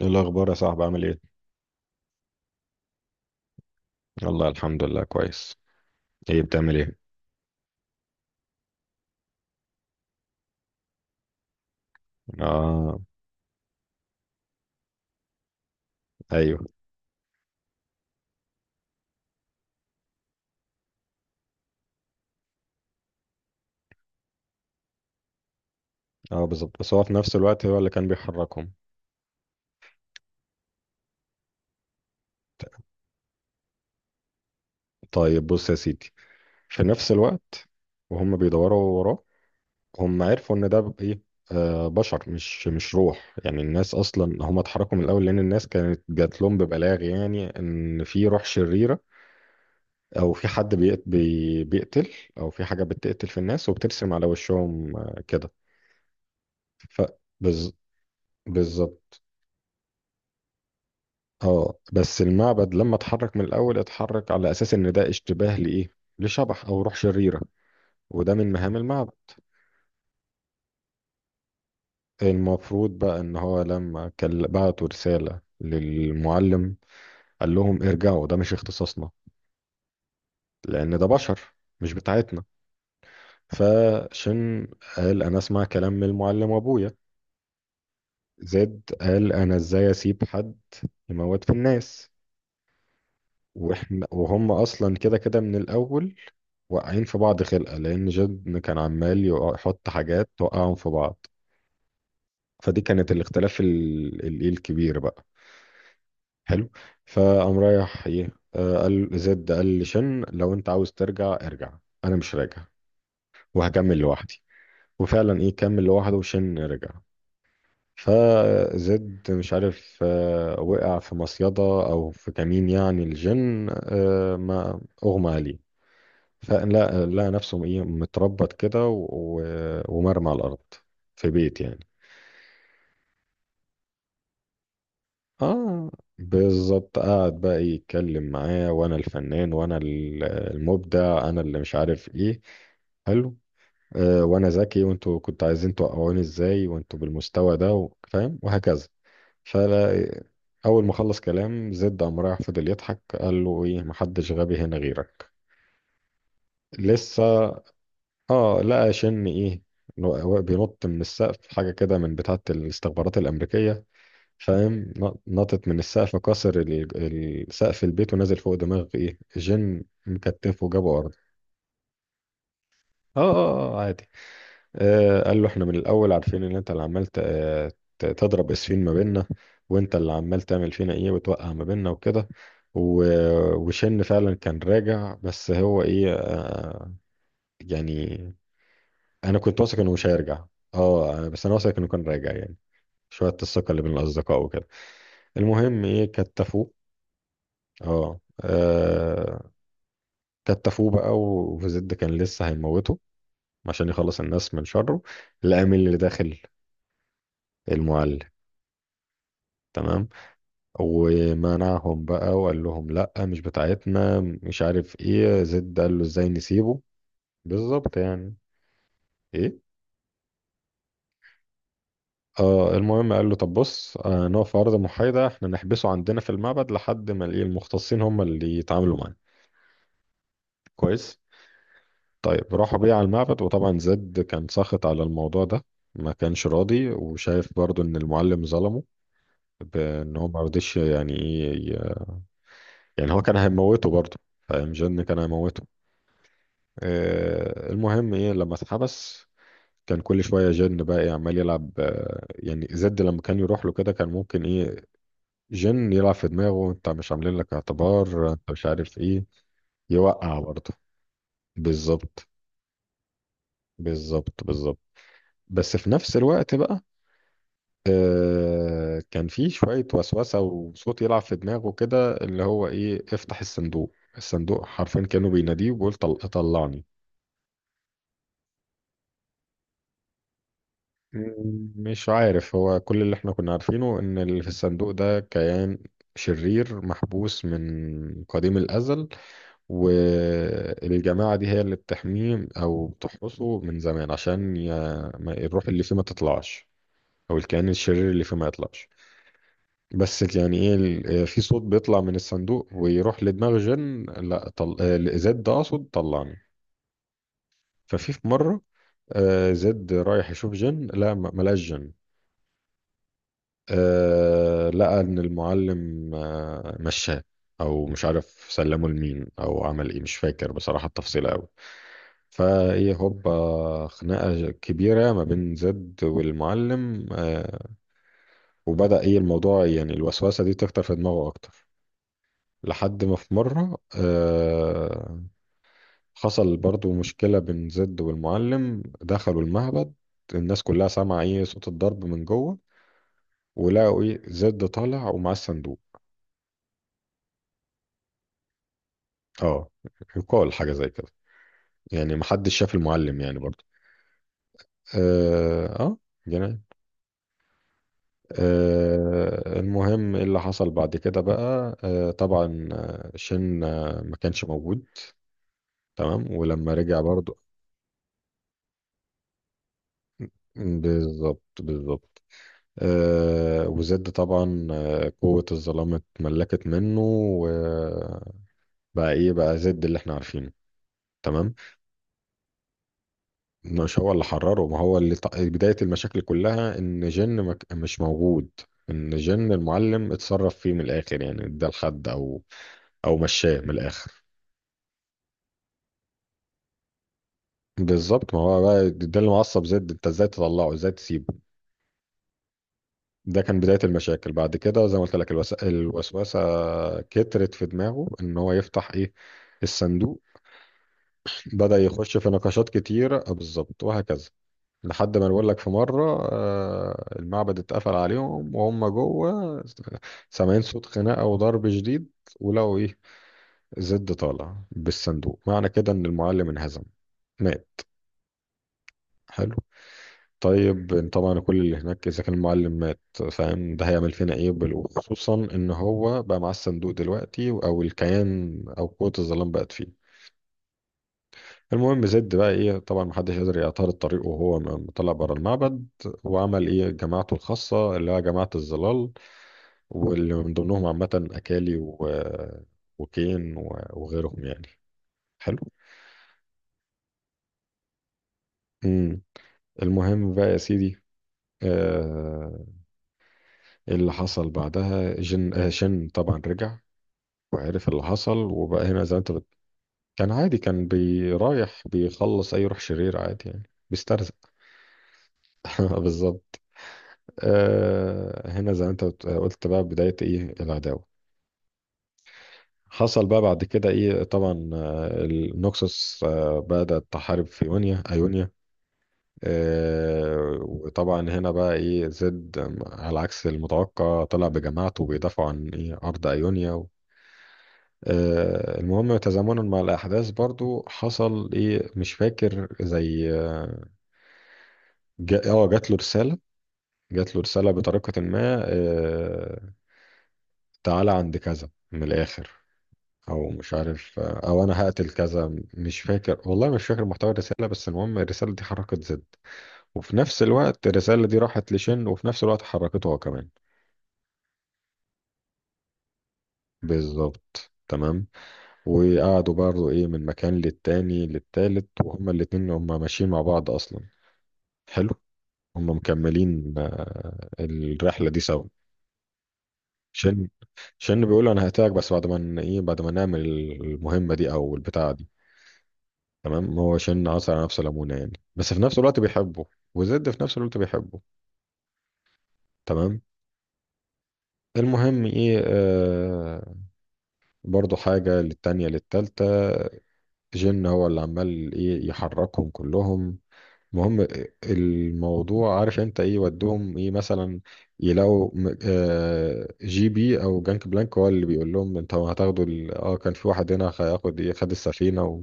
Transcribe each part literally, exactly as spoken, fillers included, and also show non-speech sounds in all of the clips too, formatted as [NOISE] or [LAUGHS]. ايه الاخبار يا صاحبي؟ عامل ايه؟ والله الحمد لله كويس. ايه بتعمل ايه؟ اه، ايوه. اه بالظبط، بس هو في نفس الوقت هو اللي كان بيحركهم. طيب بص يا سيدي، في نفس الوقت وهم بيدوروا وراه، هم عرفوا ان ده ب- ايه آه بشر، مش مش روح، يعني الناس اصلا هم اتحركوا من الاول لان الناس كانت جات لهم ببلاغ يعني ان في روح شريره، او في حد بيقت- بي- بيقتل، او في حاجه بتقتل في الناس وبترسم على وشهم آه، كده. ف بز- بالظبط. اه، بس المعبد لما اتحرك من الاول اتحرك على اساس ان ده اشتباه لايه، لشبح او روح شريره، وده من مهام المعبد. المفروض بقى ان هو لما كان بعتوا رساله للمعلم قال لهم ارجعوا، ده مش اختصاصنا، لان ده بشر، مش بتاعتنا. فشن قال انا اسمع كلام من المعلم وابويا. زد قال انا ازاي اسيب حد يموت في الناس، واحنا وهم اصلا كده كده من الاول واقعين في بعض خلقة، لأن جد كان عمال يقع- يحط حاجات توقعهم في بعض. فدي كانت الاختلاف ال- ال- الكبير بقى. حلو. فقام رايح ايه، آه، قال زد، قال لشن لو انت عاوز ترجع ارجع، انا مش راجع وهكمل لوحدي. وفعلا ايه كمل لوحده وشن رجع. فزد مش عارف آه، وقع في مصيدة او في كمين، يعني الجن آه، ما اغمى عليه، فلا لقى نفسه ايه متربط كده و- و- ومرمى على الارض في بيت يعني. اه بالظبط، قعد بقى يتكلم معاه: وانا الفنان وانا ال- المبدع، انا اللي مش عارف ايه. حلو. آه وانا ذكي، وانتوا كنتوا عايزين توقعوني ازاي وانتوا بالمستوى ده و- فاهم، وهكذا. فلا، اول ما خلص كلام زد قام رايح فضل يضحك، قال له ايه، محدش غبي هنا غيرك. لسه اه، لقى شن ايه، نو- بينط من السقف حاجه كده من بتاعه الاستخبارات الامريكيه، فاهم، ن- نطت من السقف، كسر ال- ال- سقف البيت ونزل فوق دماغ ايه جن، مكتفه وجابه ارض. اه اه آه، آه، عادي. آه قال له احنا من الاول عارفين ان انت اللي عمال ت- آه، ت- تضرب اسفين ما بيننا، وانت اللي عمال تعمل فينا ايه، وتوقع ما بيننا وكده. و- وشن فعلا كان راجع، بس هو ايه آه يعني، انا كنت واثق انه مش هيرجع. اه بس انا واثق انه كان راجع يعني، شويه الثقه اللي بين الاصدقاء وكده. المهم ايه كتفوه. اه آه، كتفوه بقى، وزد كان لسه هيموته عشان يخلص الناس من شره. لقى مين اللي داخل؟ المعلم. تمام. ومنعهم بقى وقال لهم لا، مش بتاعتنا، مش عارف ايه. زد قال له ازاي نسيبه، بالظبط يعني. ايه آه، المهم قال له طب بص، آه نقف في أرض محايدة، احنا نحبسه عندنا في المعبد لحد ما الايه، المختصين هم اللي يتعاملوا معاه. كويس. طيب راحوا بيه على المعبد، وطبعا زد كان ساخط على الموضوع ده، ما كانش راضي وشايف برضو ان المعلم ظلمه، بان هو ما رضيش يعني ايه، يعني هو كان هيموته برضو، فاهم، جن كان هيموته. آه المهم ايه لما اتحبس، كان كل شوية جن بقى إيه عمال يلعب، آه، يعني زد لما كان يروح له كده كان ممكن ايه، جن يلعب في دماغه: انت مش عاملين لك اعتبار، انت مش عارف ايه، يوقع برضه. بالظبط بالظبط بالظبط. بس في نفس الوقت بقى آه كان في شوية وسوسة وصوت يلعب في دماغه كده، اللي هو ايه، افتح الصندوق. الصندوق حرفيا كانوا بيناديه وبيقول طل... طلعني. م- مش عارف، هو كل اللي احنا كنا عارفينه ان اللي في الصندوق ده كيان شرير محبوس من قديم الأزل، والجماعة دي هي اللي بتحميه أو بتحرسه من زمان، عشان ي... ما الروح اللي فيه ما تطلعش، أو الكائن الشرير اللي فيه ما يطلعش. بس يعني إيه ال- آه، في صوت بيطلع من الصندوق ويروح لدماغ جن، لا طل... آه، زد ده أقصد، طلعني. ففي في مرة آه، زد رايح يشوف جن، لا ما- ملاش جن، آه، لقى إن المعلم آه، مشاه، أو مش عارف سلمه لمين أو عمل إيه، مش فاكر بصراحة التفصيل أوي. فهي هوبا خناقة كبيرة ما بين زد والمعلم آه، وبدأ ايه الموضوع يعني الوسوسة دي تكتر في دماغه أكتر. لحد ما في مرة آه، حصل برضو مشكلة بين زد والمعلم، دخلوا المعبد، الناس كلها سامعة ايه صوت الضرب من جوه، ولقوا ايه زد طالع ومعاه الصندوق. اه، يقال حاجة زي كده، يعني محدش شاف المعلم يعني برضو. اه آه، جنان. آه، المهم إيه اللي حصل بعد كده بقى، آه، طبعا آه، شن آه، ما كانش موجود. تمام، ولما رجع برضو، بالظبط بالظبط. آه، وزد طبعا آه، قوة الظلام اتملكت منه، وبقى ايه بقى زد اللي احنا عارفينه. تمام. مش هو اللي حرره، ما هو اللي ط- بداية المشاكل كلها ان جن ما ك- مش موجود، ان جن المعلم اتصرف فيه من الاخر يعني، ده الحد او او مشاه من الاخر. بالظبط، ما هو بقى ده اللي معصب زد، انت ازاي تطلعه، ازاي تسيبه. ده كان بداية المشاكل، بعد كده زي ما قلت لك الوس... الوسوسة كترت في دماغه ان هو يفتح ايه، الصندوق. بدأ يخش في نقاشات كتيرة آه، بالظبط وهكذا. لحد ما نقول لك في مرة آه، المعبد اتقفل عليهم وهم جوه، سامعين صوت خناقة وضرب شديد، ولقوا ايه زد طالع بالصندوق، معنى كده ان المعلم انهزم، مات. حلو. طيب طبعا كل اللي هناك اذا كان المعلم مات، فاهم ده هيعمل فينا ايه بال- وخصوصا ان هو بقى معاه الصندوق دلوقتي، او الكيان، او قوة الظلام بقت فيه. المهم زد بقى ايه طبعا محدش يقدر يعترض طريقه، وهو م- طلع بره المعبد، وعمل ايه جماعته الخاصة اللي هي جماعة الظلال، واللي من ضمنهم عامة اكالي و... وكين و... وغيرهم يعني. حلو. امم. المهم بقى يا سيدي، آه اللي حصل بعدها جن، آه شن طبعا رجع وعرف اللي حصل، وبقى هنا زي ما انت بت... كان عادي، كان بيرايح بيخلص اي روح شرير عادي يعني، بيسترزق. [LAUGHS] بالظبط. آه هنا زي ما انت بت- قلت بقى، بداية ايه العداوة. حصل بقى بعد كده ايه، طبعا آه، النوكسوس آه بدأت تحارب في ايونيا، ايونيا. آه وطبعا هنا بقى ايه زد آه، على عكس المتوقع، طلع بجماعته بيدافعوا عن ايه، ارض ايونيا. آه، المهم تزامنا مع الأحداث برضو حصل إيه، مش فاكر زي آه جا- آه، جات له رسالة، جات له رسالة بطريقة ما آه، تعالى عند كذا من الآخر، أو مش عارف آه، أو أنا هقتل كذا، مش فاكر والله، مش فاكر محتوى الرسالة، بس المهم الرسالة دي حركت زد، وفي نفس الوقت الرسالة دي راحت لشن وفي نفس الوقت حركته هو كمان. بالظبط تمام. وقعدوا برضو إيه من مكان للتاني للتالت، وهما الاتنين هما ماشيين مع بعض أصلا. حلو. هم مكملين آه، الرحلة دي سوا. شن شن بيقول له انا هقتلك، بس بعد ما ن- ايه بعد ما نعمل المهمة دي او البتاعة دي. تمام، هو شن عصر على نفسه ليمونة يعني، بس في نفس الوقت بيحبه، وزد في نفس الوقت بيحبه. تمام. المهم ايه آه برضو حاجة للتانية للتالتة، جن هو اللي عمال ايه يحركهم كلهم. المهم، الموضوع عارف انت ايه ودهم ايه مثلا، يلاقوا م- آه، جي بي او جانك بلانك هو اللي بيقول لهم انتوا هتاخدوا ال- اه كان في واحد هنا هياخد ايه، خد السفينه و...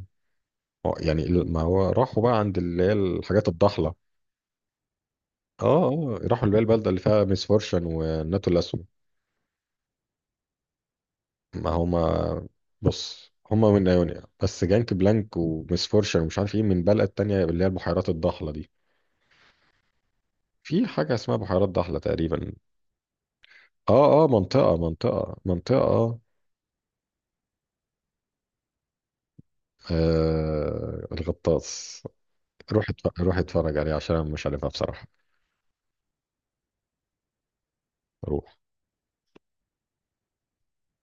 آه، يعني ال- ما هو راحوا بقى عند اللي هي الحاجات الضحله. اه اه راحوا اللي هي البلده اللي فيها ميس فورشن والناتو الاسود. ما هما بص، هما من ايونيا، بس جانك بلانك وميس فورشن ومش عارف ايه من بلد تانية اللي هي البحيرات الضحله دي. في حاجه اسمها بحيرات ضحله تقريبا. اه اه منطقة منطقة منطقة. آه الغطاس. روح اتف- روح اتفرج عليه عشان انا مش عارفها بصراحة. روح.